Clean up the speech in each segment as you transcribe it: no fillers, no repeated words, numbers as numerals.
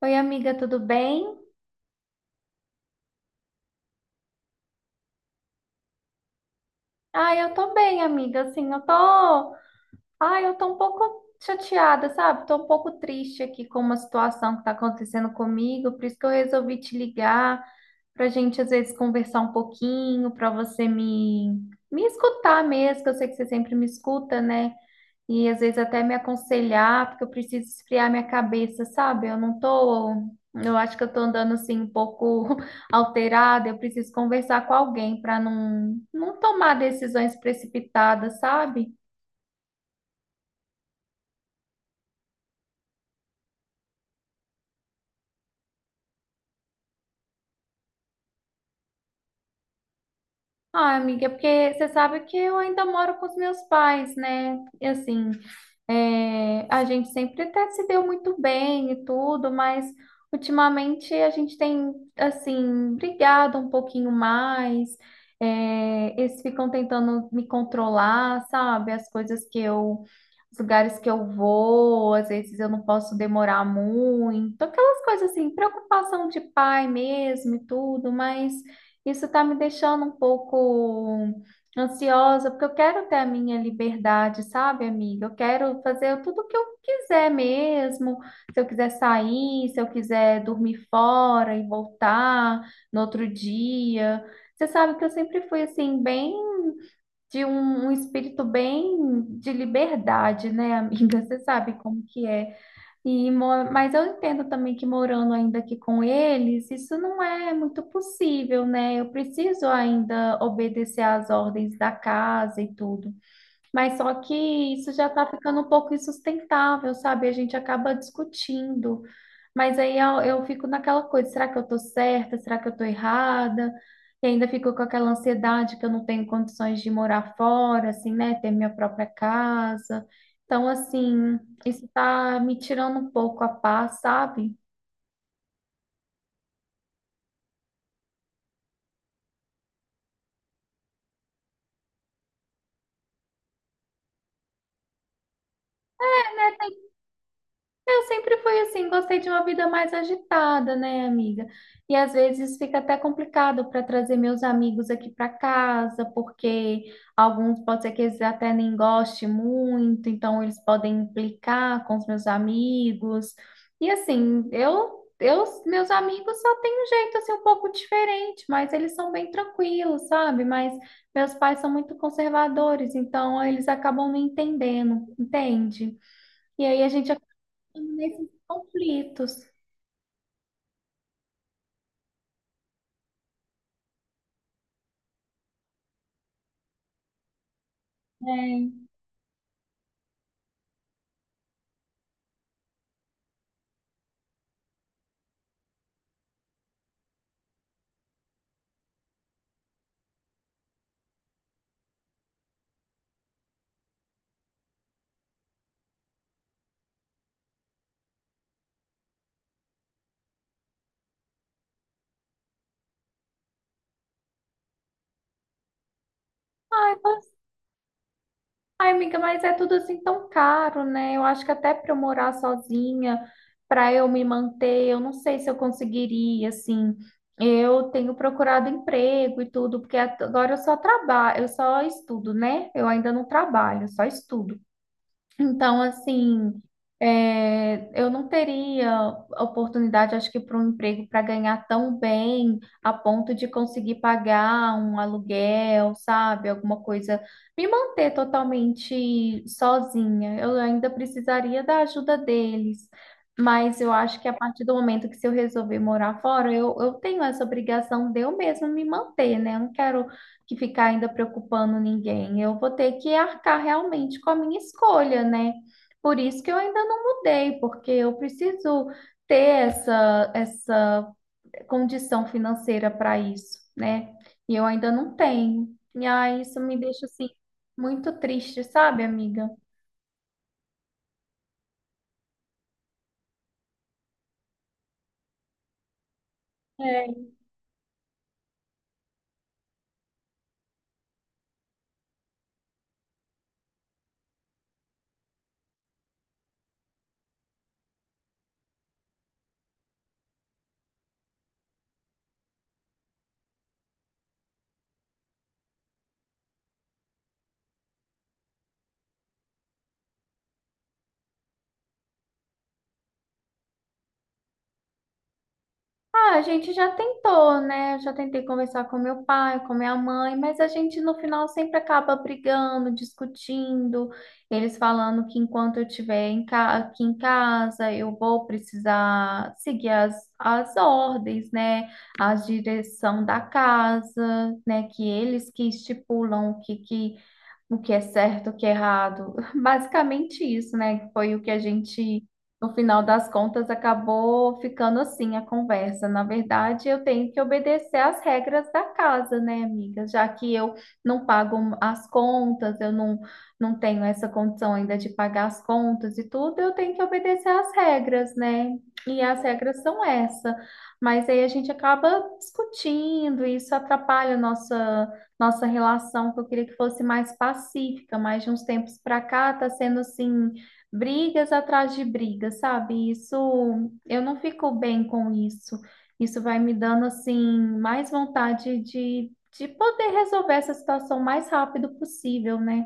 Oi, amiga, tudo bem? Eu tô bem, amiga. Assim, eu tô um pouco chateada, sabe? Tô um pouco triste aqui com uma situação que tá acontecendo comigo, por isso que eu resolvi te ligar, pra gente às vezes conversar um pouquinho, pra você me escutar mesmo, que eu sei que você sempre me escuta, né? E às vezes até me aconselhar, porque eu preciso esfriar minha cabeça, sabe? Eu não tô, Eu acho que eu tô andando assim um pouco alterada, eu preciso conversar com alguém para não tomar decisões precipitadas, sabe? Ah, amiga, é porque você sabe que eu ainda moro com os meus pais, né? E assim, é, a gente sempre até se deu muito bem e tudo, mas ultimamente a gente tem, assim, brigado um pouquinho mais. É, eles ficam tentando me controlar, sabe? As coisas que eu, os lugares que eu vou, às vezes eu não posso demorar muito, aquelas coisas assim, preocupação de pai mesmo e tudo, mas isso tá me deixando um pouco ansiosa, porque eu quero ter a minha liberdade, sabe, amiga? Eu quero fazer tudo o que eu quiser mesmo. Se eu quiser sair, se eu quiser dormir fora e voltar no outro dia. Você sabe que eu sempre fui assim, bem de um espírito bem de liberdade, né, amiga? Você sabe como que é. Mas eu entendo também que morando ainda aqui com eles, isso não é muito possível, né? Eu preciso ainda obedecer às ordens da casa e tudo. Mas só que isso já está ficando um pouco insustentável, sabe? A gente acaba discutindo. Mas eu fico naquela coisa, será que eu estou certa? Será que eu estou errada? E ainda fico com aquela ansiedade que eu não tenho condições de morar fora, assim, né? Ter minha própria casa. Então, assim, isso está me tirando um pouco a paz, sabe? É, né? Eu sempre fui assim, gostei de uma vida mais agitada, né, amiga? E às vezes fica até complicado para trazer meus amigos aqui para casa, porque alguns pode ser que eles até nem gostem muito, então eles podem implicar com os meus amigos. E assim, meus amigos só têm um jeito assim um pouco diferente, mas eles são bem tranquilos, sabe? Mas meus pais são muito conservadores, então eles acabam me entendendo, entende? E aí a gente nesses conflitos. Né? Ai, ai, amiga, mas é tudo assim tão caro, né? Eu acho que até para eu morar sozinha, para eu me manter, eu não sei se eu conseguiria, assim. Eu tenho procurado emprego e tudo, porque agora eu só trabalho, eu só estudo, né? Eu ainda não trabalho, eu só estudo. Então, assim, é, eu não teria oportunidade, acho que, para um emprego para ganhar tão bem a ponto de conseguir pagar um aluguel, sabe? Alguma coisa, me manter totalmente sozinha. Eu ainda precisaria da ajuda deles. Mas eu acho que a partir do momento que se eu resolver morar fora, eu tenho essa obrigação de eu mesma me manter, né? Eu não quero que ficar ainda preocupando ninguém. Eu vou ter que arcar realmente com a minha escolha, né? Por isso que eu ainda não mudei, porque eu preciso ter essa condição financeira para isso, né? E eu ainda não tenho. E aí isso me deixa assim muito triste, sabe, amiga? É, ah, a gente já tentou, né? Eu já tentei conversar com meu pai, com minha mãe, mas a gente no final sempre acaba brigando, discutindo, eles falando que enquanto eu estiver aqui em casa, eu vou precisar seguir as ordens, né? A direção da casa, né? Que eles que estipulam que o que é certo, o que é errado. Basicamente isso, né? Foi o que a gente, no final das contas, acabou ficando assim a conversa. Na verdade, eu tenho que obedecer às regras da casa, né, amiga? Já que eu não pago as contas, eu não, não tenho essa condição ainda de pagar as contas e tudo, eu tenho que obedecer às regras, né? E as regras são essa. Mas aí a gente acaba discutindo, e isso atrapalha a nossa relação, que eu queria que fosse mais pacífica, mas de uns tempos para cá tá sendo assim, brigas atrás de brigas, sabe? Isso, eu não fico bem com isso. Isso vai me dando assim mais vontade de poder resolver essa situação o mais rápido possível, né?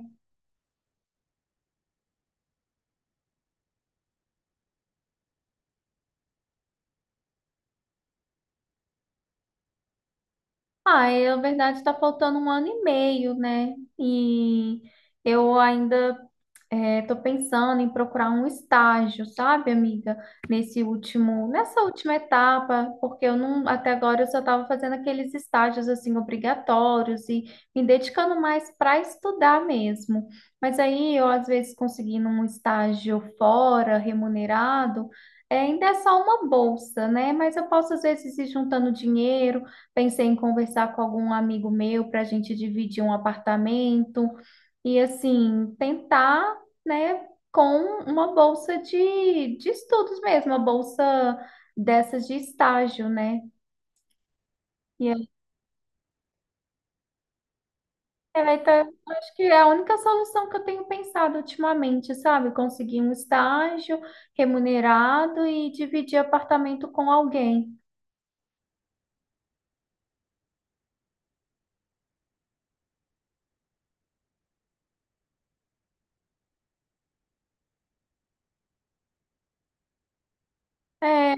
Ai, a verdade está faltando um ano e meio, né? E eu ainda estou pensando em procurar um estágio, sabe, amiga? Nessa última etapa, porque eu não, até agora eu só estava fazendo aqueles estágios assim obrigatórios e me dedicando mais para estudar mesmo. Mas aí eu às vezes conseguindo um estágio fora, remunerado, é, ainda é só uma bolsa, né? Mas eu posso às vezes ir juntando dinheiro. Pensei em conversar com algum amigo meu para a gente dividir um apartamento e, assim, tentar, né, com uma bolsa de estudos mesmo, uma bolsa dessas de estágio, né? E aí, é, tá- acho que é a única solução que eu tenho pensado ultimamente, sabe? Conseguir um estágio remunerado e dividir apartamento com alguém. É,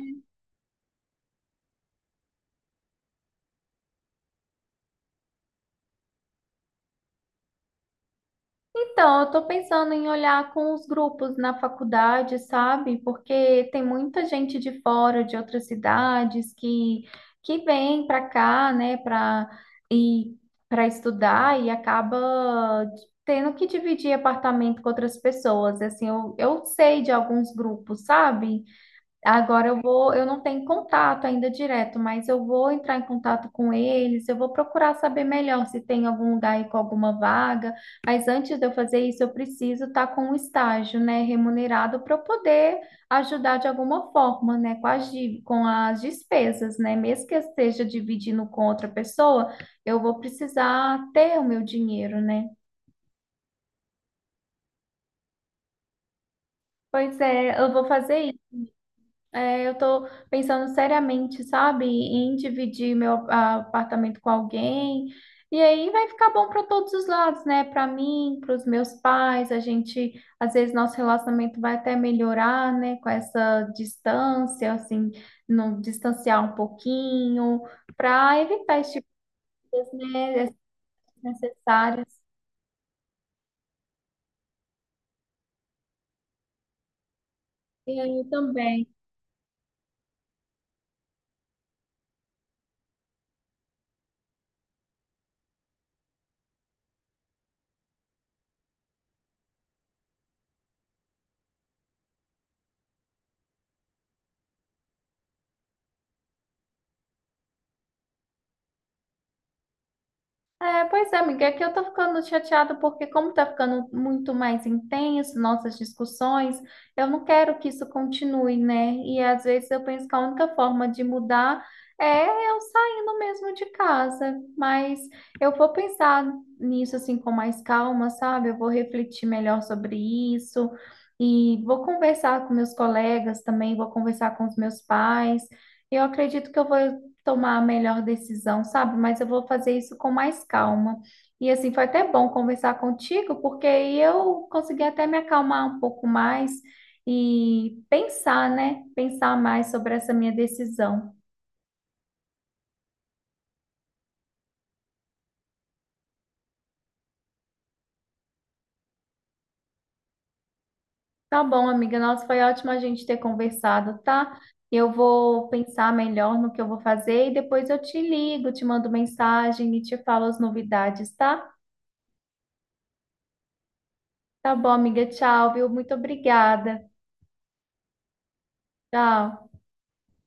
então, eu estou pensando em olhar com os grupos na faculdade, sabe? Porque tem muita gente de fora, de outras cidades, que vem para cá, né, e para estudar e acaba tendo que dividir apartamento com outras pessoas. Assim, eu sei de alguns grupos, sabe? Agora eu não tenho contato ainda direto, mas eu vou entrar em contato com eles, eu vou procurar saber melhor se tem algum lugar aí com alguma vaga, mas antes de eu fazer isso, eu preciso estar com um estágio, né, remunerado para eu poder ajudar de alguma forma, né, com com as despesas, né, mesmo que eu esteja dividindo com outra pessoa, eu vou precisar ter o meu dinheiro, né? Pois é, eu vou fazer é, eu tô pensando seriamente, sabe, em dividir apartamento com alguém. E aí vai ficar bom para todos os lados, né? Para mim, para os meus pais, a gente, às vezes nosso relacionamento vai até melhorar, né? Com essa distância, assim, não distanciar um pouquinho, para evitar esse tipo de coisa, né? Desnecessárias. E aí também. É, pois é, amiga, aqui eu tô ficando chateada porque como tá ficando muito mais intenso nossas discussões, eu não quero que isso continue, né? E às vezes eu penso que a única forma de mudar é eu saindo mesmo de casa, mas eu vou pensar nisso assim com mais calma, sabe? Eu vou refletir melhor sobre isso e vou conversar com meus colegas também, vou conversar com os meus pais. Eu acredito que eu vou tomar a melhor decisão, sabe? Mas eu vou fazer isso com mais calma. E assim, foi até bom conversar contigo, porque aí eu consegui até me acalmar um pouco mais e pensar, né? Pensar mais sobre essa minha decisão. Tá bom, amiga. Nossa, foi ótimo a gente ter conversado, tá? Eu vou pensar melhor no que eu vou fazer e depois eu te ligo, te mando mensagem e te falo as novidades, tá? Tá bom, amiga. Tchau, viu? Muito obrigada. Tchau.